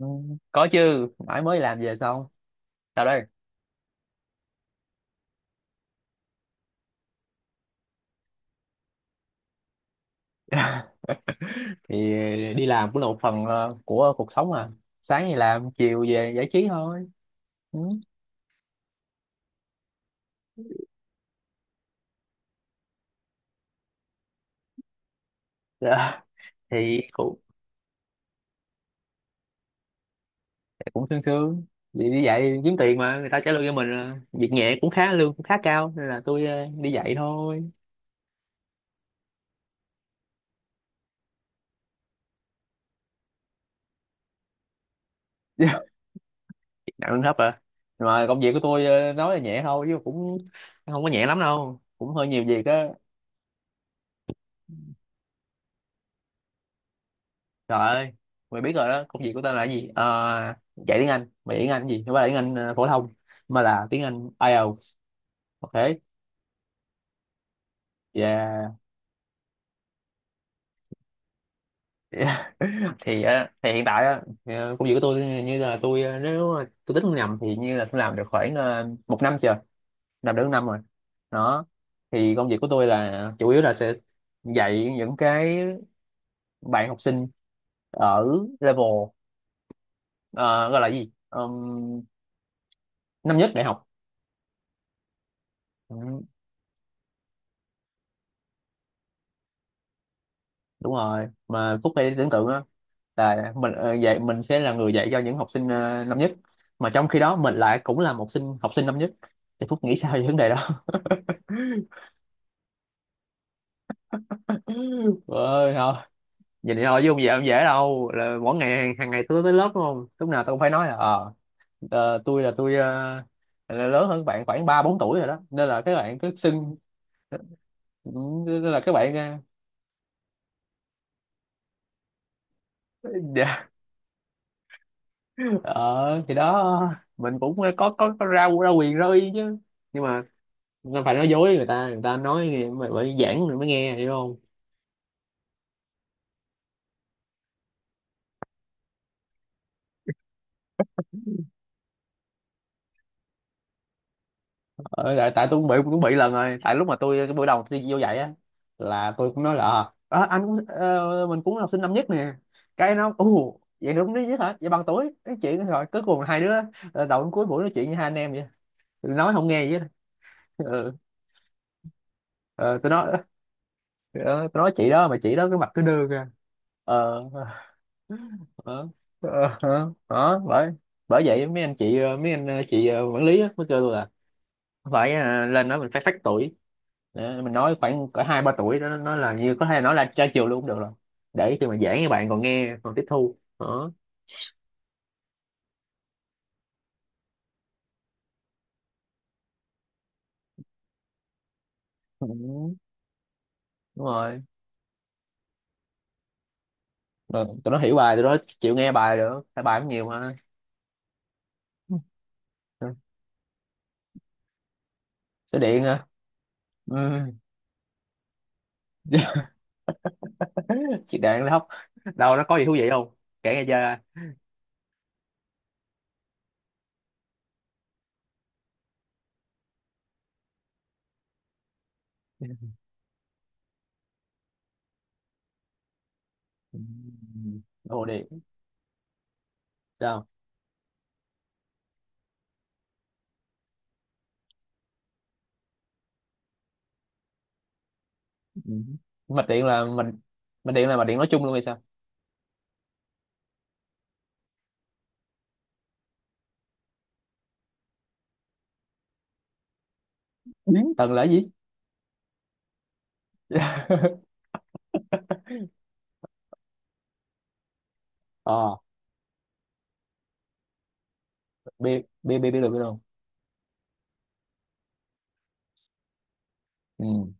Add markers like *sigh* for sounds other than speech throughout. Ừ, có chứ mãi mới làm về xong sao đây. *laughs* Thì đi làm cũng là một phần của cuộc sống mà, sáng thì làm chiều về giải trí thôi, ừ. Dạ. *laughs* Thì cũng cũng sương sương, đi dạy kiếm tiền mà người ta trả lương cho mình à. Việc nhẹ cũng khá, lương cũng khá cao nên là tôi đi dạy thôi. *laughs* Nặng lương thấp à, mà công việc của tôi nói là nhẹ thôi chứ cũng không có nhẹ lắm đâu, cũng hơi nhiều việc á. Trời ơi, mày biết rồi đó, công việc của tao là cái gì? Ờ, Dạy tiếng Anh, mày dạy tiếng Anh cái gì? Không phải là tiếng Anh phổ thông, mà là tiếng Anh IELTS, ok? Yeah. Yeah. *laughs* Thì thì hiện tại á, công việc của tôi như là tôi nếu mà tôi tính không nhầm thì như là tôi làm được khoảng một năm chưa, làm được một năm rồi. Đó. Thì công việc của tôi là chủ yếu là sẽ dạy những cái bạn học sinh ở level, ờ, gọi là gì? Năm nhất đại học. Ừ. Đúng rồi, mà Phúc phải tưởng tượng á, là mình dạy, mình sẽ là người dạy cho những học sinh năm nhất, mà trong khi đó mình lại cũng là một sinh học sinh năm nhất, thì Phúc nghĩ sao về vấn đề đó? *laughs* Ơi thôi, vậy thì thôi chứ không dễ, không dễ đâu. Là mỗi ngày hàng hàng ngày tôi tới lớp đúng không, lúc nào tôi cũng phải nói là tôi là tôi là lớn hơn bạn khoảng ba bốn tuổi rồi đó, nên là các bạn cứ xưng. Ừ, nên là các bạn à. *laughs* Dạ, ờ thì đó mình cũng có ra ra quyền ra uy chứ. Nhưng mà nó phải nói dối, người ta nói nghe, mày phải giảng rồi mới nghe hiểu không. Ờ, tại tôi cũng bị lần rồi, tại lúc mà tôi cái buổi đầu tôi vô dạy á, là tôi cũng nói là anh cũng mình cũng là học sinh năm nhất nè, cái nó ù vậy đúng đấy chứ hả, vậy bằng tuổi cái chuyện, rồi cuối cùng là hai đứa đầu đến cuối buổi nói chuyện như hai anh em vậy. Tôi nói không nghe vậy đó. Ừ. Ờ, tôi nói ờ, tôi nói chị đó, mà chị đó cái mặt cứ đưa ra, ờ Ờ, ờ, đó, bởi bởi vậy mấy anh chị mấy anh chị quản lý á, mới kêu tôi là phải lên nói mình phải phách tuổi. Để mình nói khoảng cỡ hai ba tuổi đó, nó là như có thể nói là tra chiều luôn cũng được rồi, để khi mà giảng các bạn còn nghe còn tiếp thu đó. Ừ, đúng rồi, rồi tụi nó hiểu bài, tụi nó chịu nghe bài được, tại bài cũng nhiều mà. Ừ, số điện hả? Ừ. *laughs* Chị đạn là hóc, đâu nó có gì thú vị không, kể nghe chơi. Ừ. Đồ điện. Sao? Ừ. Mạch điện là mình, mạch điện là mạch điện nói chung luôn hay sao? Biến tần là gì? *laughs* ờ Bi, bi được biết luôn, ừ.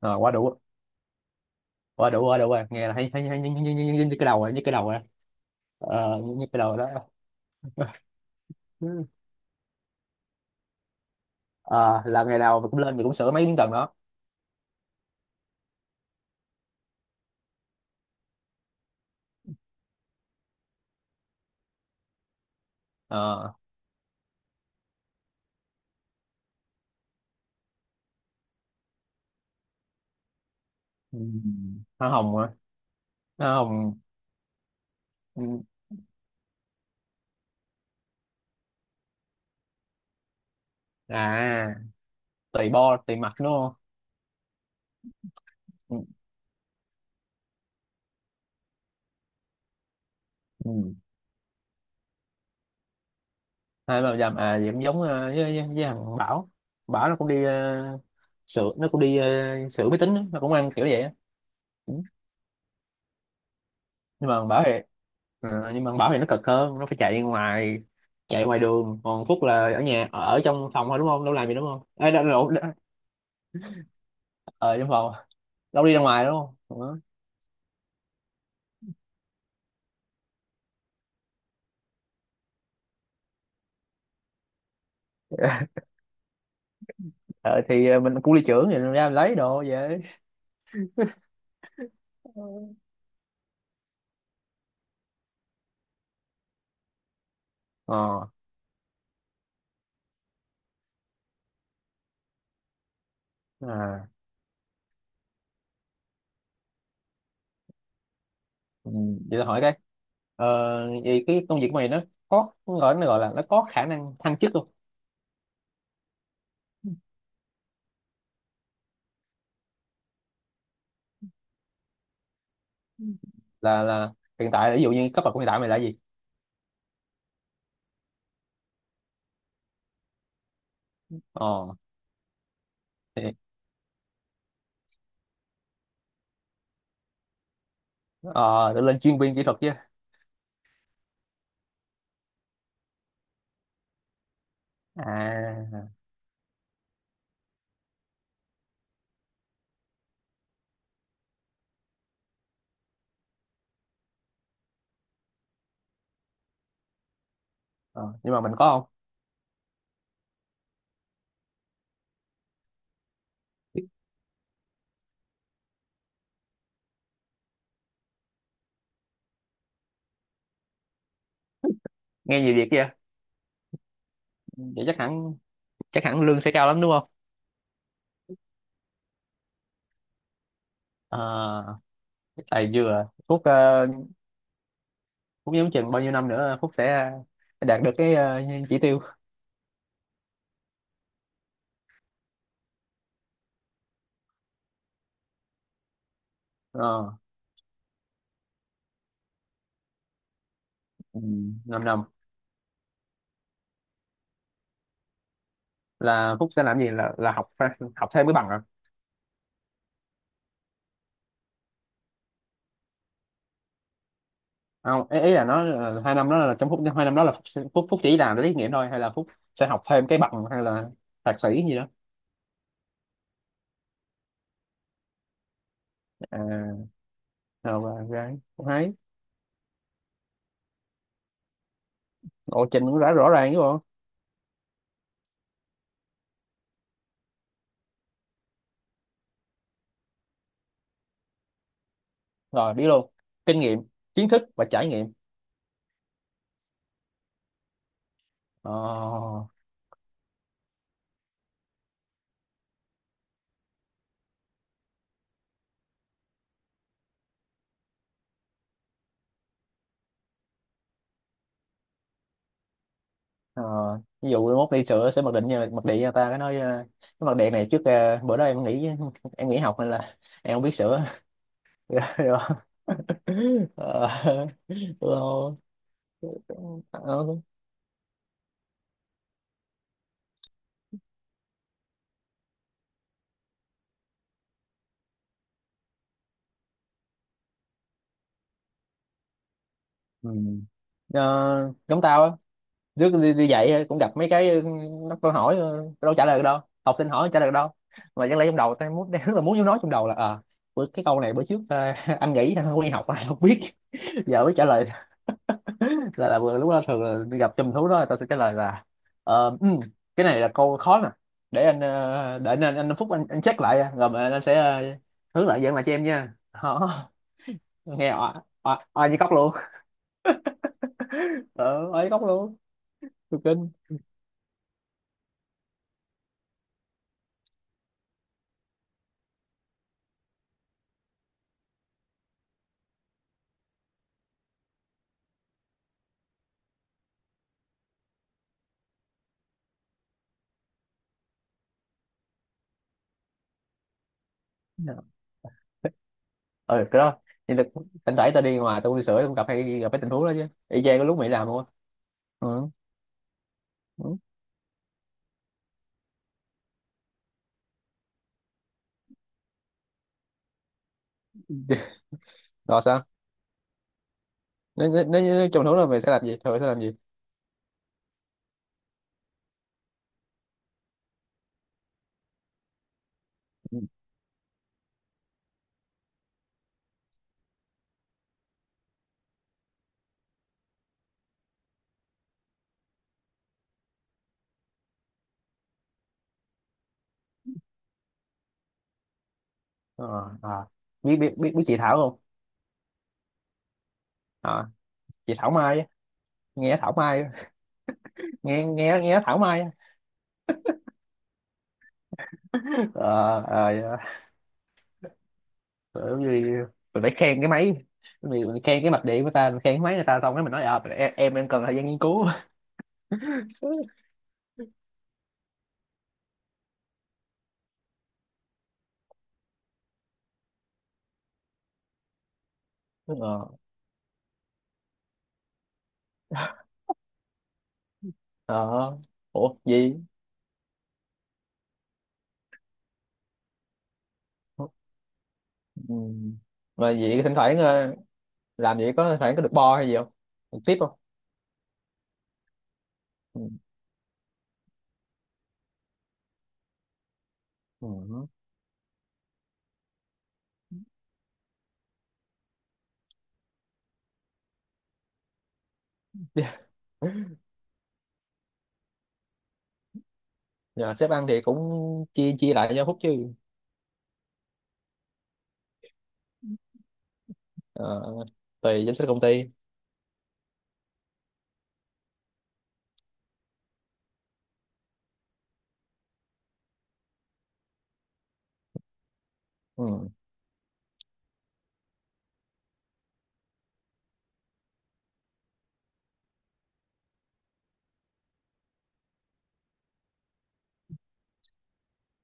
Rồi quá đủ, quá đủ rồi, nghe là thấy thấy thấy như cái đầu rồi, như cái đầu rồi. Ờ, như cái đầu đó. *laughs* Ừ. Ờ, làm ngày nào mình cũng lên, mình cũng sửa mấy miếng tầng đó. Ờ. Ừ. Hoa hồng hả? Hoa hồng. Ừ. À, tùy bo tùy mặt đúng không? Ừ. Ừ. Hai ba dặm à, thì cũng giống với thằng Bảo, Bảo nó cũng đi, uh, sửa, nó cũng đi sửa máy tính á, nó cũng ăn kiểu vậy á. Ừ. Nhưng mà thằng Bảo thì nó cực hơn, nó phải chạy ngoài, chạy ngoài đường, còn Phúc là ở nhà ở trong phòng thôi đúng không, đâu làm gì đúng không. Ê, đâu, đâu, đâu, ở trong phòng, đâu đi ra ngoài đúng không. Đó. *laughs* Ờ, thì mình cũng đi trưởng thì ra mình lấy đồ về. Ờ. À. Ừ, vậy tôi hỏi cái, ờ, vậy cái công việc của mày nó nó gọi là nó có khả năng thăng chức không? Là hiện tại ví dụ như cấp bậc của hiện tại mày là gì? ờ thì ờ để lên chuyên viên kỹ thuật chứ. À. Ờ, nhưng mà mình có không? Nghe nhiều việc kia. Vậy chắc hẳn lương sẽ cao lắm đúng không? À, tài vừa Phúc Phúc nhắm chừng bao nhiêu năm nữa Phúc sẽ đạt được cái chỉ tiêu. ờ, ừ, Năm năm là Phúc sẽ làm gì, là học, học thêm cái bằng à? Không, ý là nó là hai năm đó, là trong phút hai năm đó là phúc, phúc chỉ làm để tiết nghiệm thôi, hay là phúc sẽ học thêm cái bằng hay là thạc sĩ gì đó? À, rồi và gái cũng thấy lộ trình cũng đã rõ ràng chứ bộ. Rồi biết luôn. Kinh nghiệm, kiến thức và trải nghiệm. ờ, ờ, Ví dụ mốt đi sửa sẽ mặc định nha, mặc định cho ta cái nói cái mặt điện này trước, bữa đó em nghỉ, em nghỉ học nên là em không biết sửa. *laughs* Rồi rồi. Ờ, được. Ờ. Ừ. Ờ, giống tao á, trước đi dạy á, cũng gặp mấy cái ừ, nó câu hỏi ừ, đâu trả lời được đâu, học sinh hỏi trả lời được đâu, mà chẳng lẽ trong đầu tao muốn, đang rất là muốn nói trong đầu là cái câu này bữa trước *laughs* anh nghĩ anh không đi học anh không biết, giờ mới trả lời. *laughs* Là vừa lúc đó thường là gặp chùm thú đó, tao sẽ trả lời là ờ, ừ, cái này là câu khó nè, để anh để anh Phúc, anh check lại rồi mà anh sẽ hướng lại dạng lại cho em nha. Hả? *laughs* Nghe oai, oai như cóc luôn. *laughs* Ờ, oai như cóc luôn. Tôi kinh. Ừ, cái đó nhưng là thỉnh thoảng tao đi ngoài tao uống ly sữa, tao cũng gặp, hay gặp cái tình huống đó chứ, y chang cái lúc mày làm luôn á. Ừ. Ừ. Rồi sao, nếu trong thú là mày sẽ làm gì, thường sẽ làm gì? Ừ. Ờ. À. Biết biết chị Thảo không? À, chị Thảo Mai á. Nghe Thảo Mai á. *laughs* Nghe nghe nghe Thảo Mai á. Ờ ờ dạ. Ờ, như mình phải khen cái máy, mình khen cái mạch điện của ta, mình khen cái máy người ta, xong cái mình nói à, em đang cần thời gian nghiên cứu. *laughs* Ờ. Ờ. Ủa gì? Ừ. Mà vậy thỉnh thoảng làm vậy có phải có được bo hay gì không, được tiếp không? Ừ. Ừ. Nhờ sếp ăn thì cũng chia chia lại cho Phúc chứ. Ờ, tùy danh sách công ty. Ừ.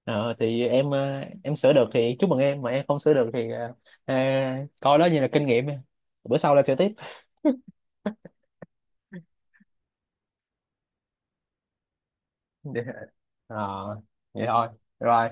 Ờ, thì em em sửa được thì chúc mừng em, mà em không sửa được thì ờ, coi đó như là kinh nghiệm, bữa sau lại sửa tiếp. *laughs* Dạ. Ờ, vậy thôi, rồi.